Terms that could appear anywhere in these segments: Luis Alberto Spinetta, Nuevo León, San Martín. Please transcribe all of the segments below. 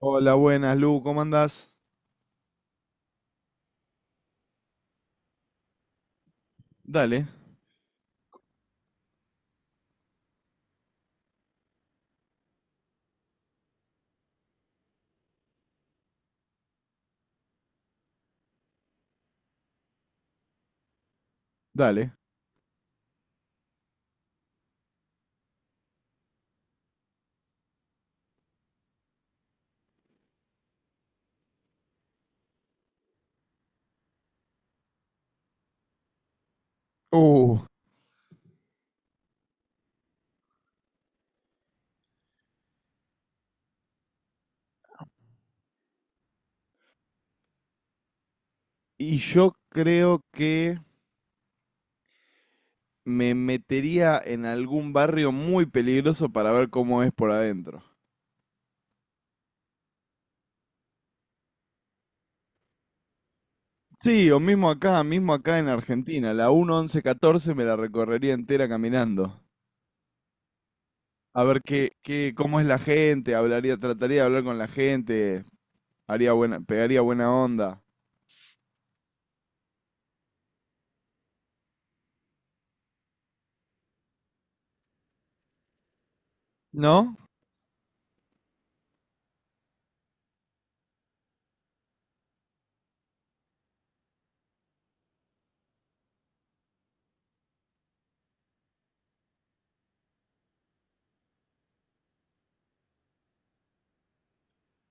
Hola, buenas, Lu, ¿cómo andás? Dale, dale. Uh, y yo creo que me metería en algún barrio muy peligroso para ver cómo es por adentro. Sí, o mismo acá en Argentina, la 1-11-14 me la recorrería entera caminando. A ver qué, cómo es la gente, hablaría, trataría de hablar con la gente, haría buena, pegaría buena onda. ¿No?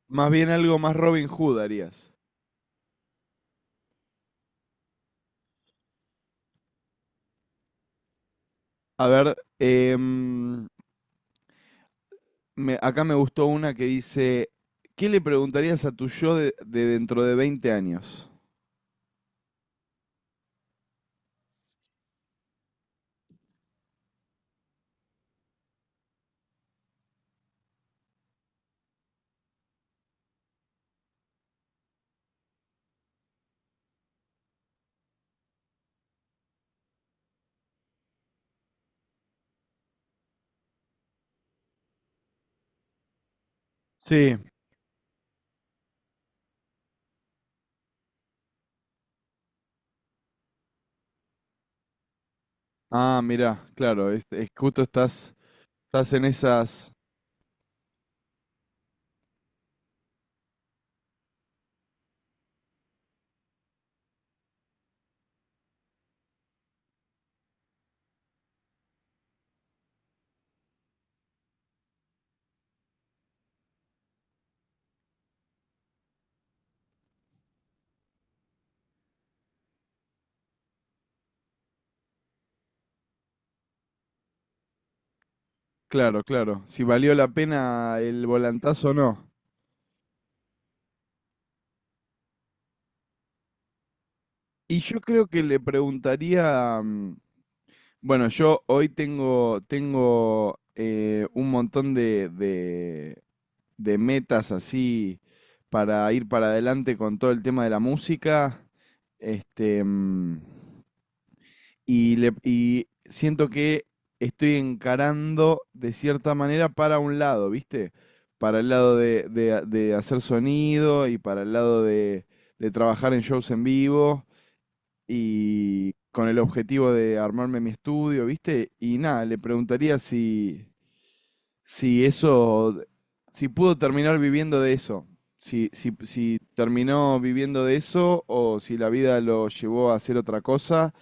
Más bien algo más Robin Hood harías. A ver, acá me gustó una que dice, ¿qué le preguntarías a tu yo de dentro de 20 años? Sí. Ah, mirá, claro, es justo estás en esas. Claro, claro, si valió la pena el volantazo o no. Y yo creo que le preguntaría, bueno, yo hoy tengo un montón de metas así para ir para adelante con todo el tema de la música. Este, y siento que estoy encarando de cierta manera para un lado, ¿viste? Para el lado de hacer sonido y para el lado de trabajar en shows en vivo y con el objetivo de armarme mi estudio, ¿viste? Y nada, le preguntaría si eso, si pudo terminar viviendo de eso. Si terminó viviendo de eso o si la vida lo llevó a hacer otra cosa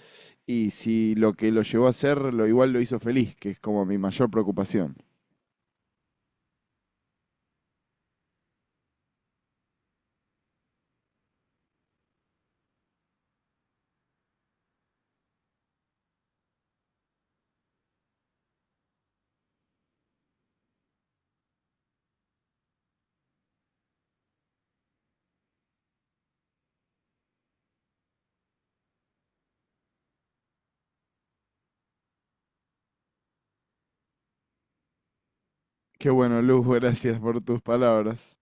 y si lo que lo llevó a hacer, lo igual lo hizo feliz, que es como mi mayor preocupación. Qué bueno, Luz, gracias por tus palabras.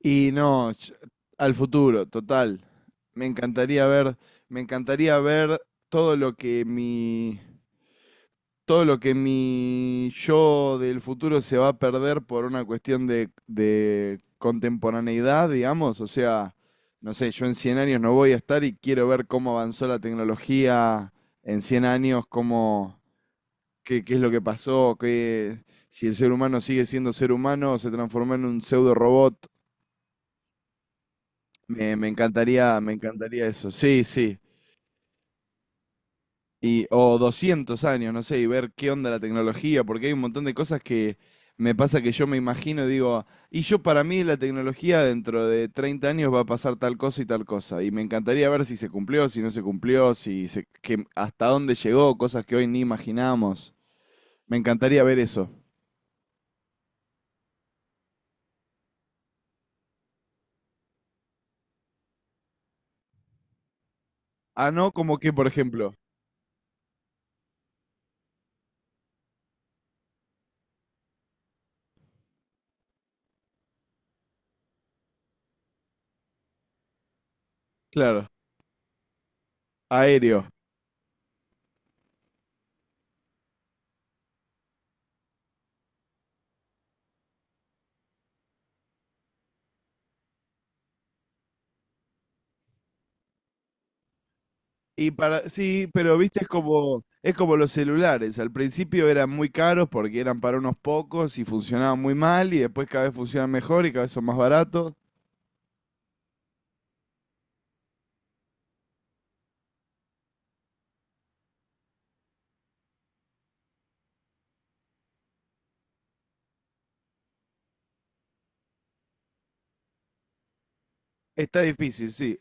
Y no, al futuro, total. Me encantaría ver, me encantaría ver todo lo que mi yo del futuro se va a perder por una cuestión de contemporaneidad, digamos. O sea, no sé, yo en 100 años no voy a estar y quiero ver cómo avanzó la tecnología en 100 años, qué es lo que pasó, si el ser humano sigue siendo ser humano o se transformó en un pseudo robot. Me encantaría, me encantaría eso. Sí, sí. Y, o 200 años, no sé, y ver qué onda la tecnología, porque hay un montón de cosas que me pasa que yo me imagino y digo, y yo para mí la tecnología dentro de 30 años va a pasar tal cosa. Y me encantaría ver si se cumplió, si no se cumplió, si se, que, hasta dónde llegó, cosas que hoy ni imaginamos. Me encantaría ver eso. Ah, no, como que, por ejemplo, claro. Aéreo. Y para, sí, pero viste, es como los celulares. Al principio eran muy caros porque eran para unos pocos y funcionaban muy mal y después cada vez funcionan mejor y cada vez son más baratos. Está difícil, sí.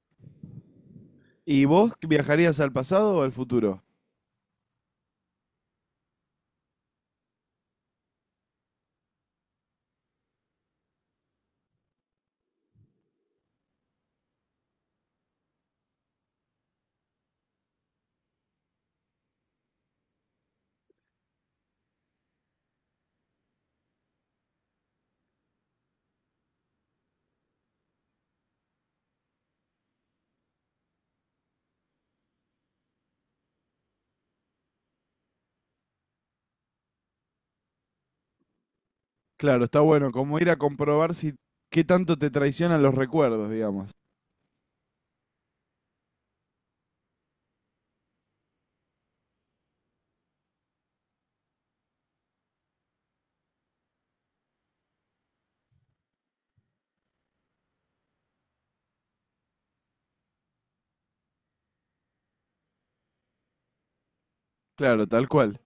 ¿Y vos viajarías al pasado o al futuro? Claro, está bueno, como ir a comprobar si qué tanto te traicionan los recuerdos, digamos. Claro, tal cual.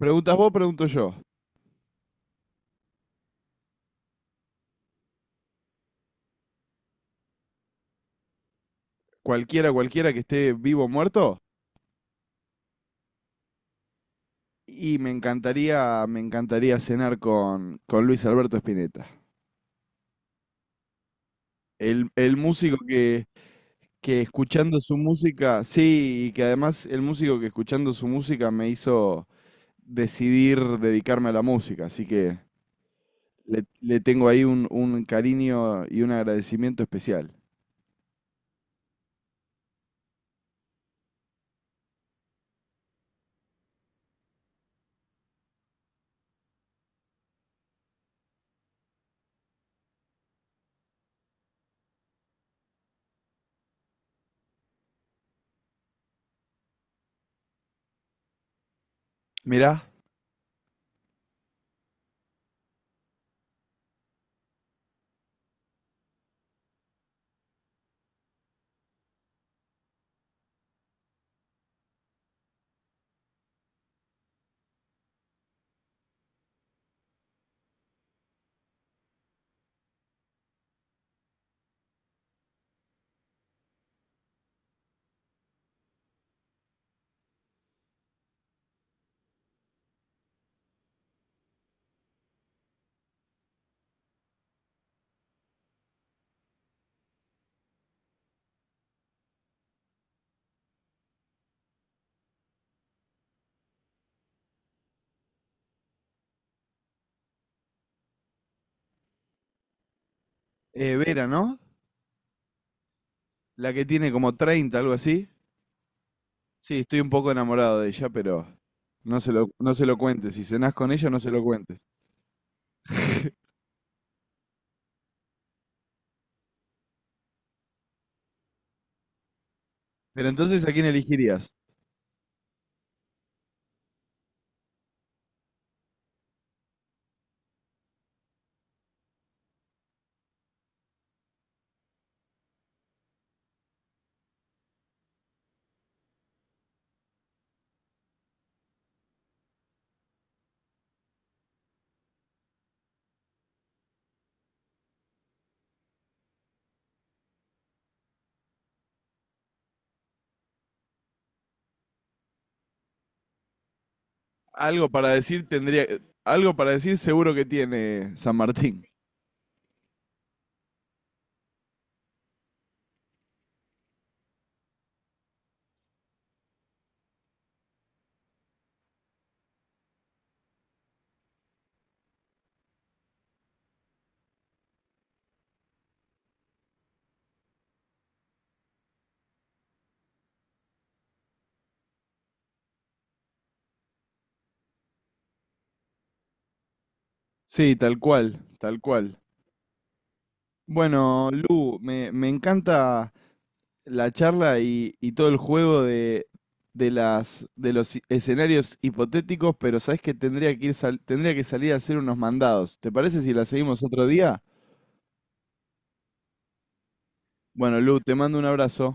¿Preguntas vos, pregunto yo? Cualquiera, cualquiera que esté vivo o muerto. Y me encantaría cenar con Luis Alberto Spinetta. El músico que escuchando su música, sí, y que además el músico que escuchando su música me hizo decidir dedicarme a la música, así que le tengo ahí un cariño y un agradecimiento especial. Mirá, Vera, ¿no? La que tiene como 30 algo así. Sí, estoy un poco enamorado de ella, pero no se lo cuentes. Si cenás con ella, no se lo cuentes. Pero entonces, ¿a quién elegirías? Algo para decir tendría, algo para decir seguro que tiene San Martín. Sí, tal cual, tal cual. Bueno, Lu, me encanta la charla y todo el juego de los escenarios hipotéticos, pero sabes que tendría que ir tendría que salir a hacer unos mandados. ¿Te parece si la seguimos otro día? Bueno, Lu, te mando un abrazo.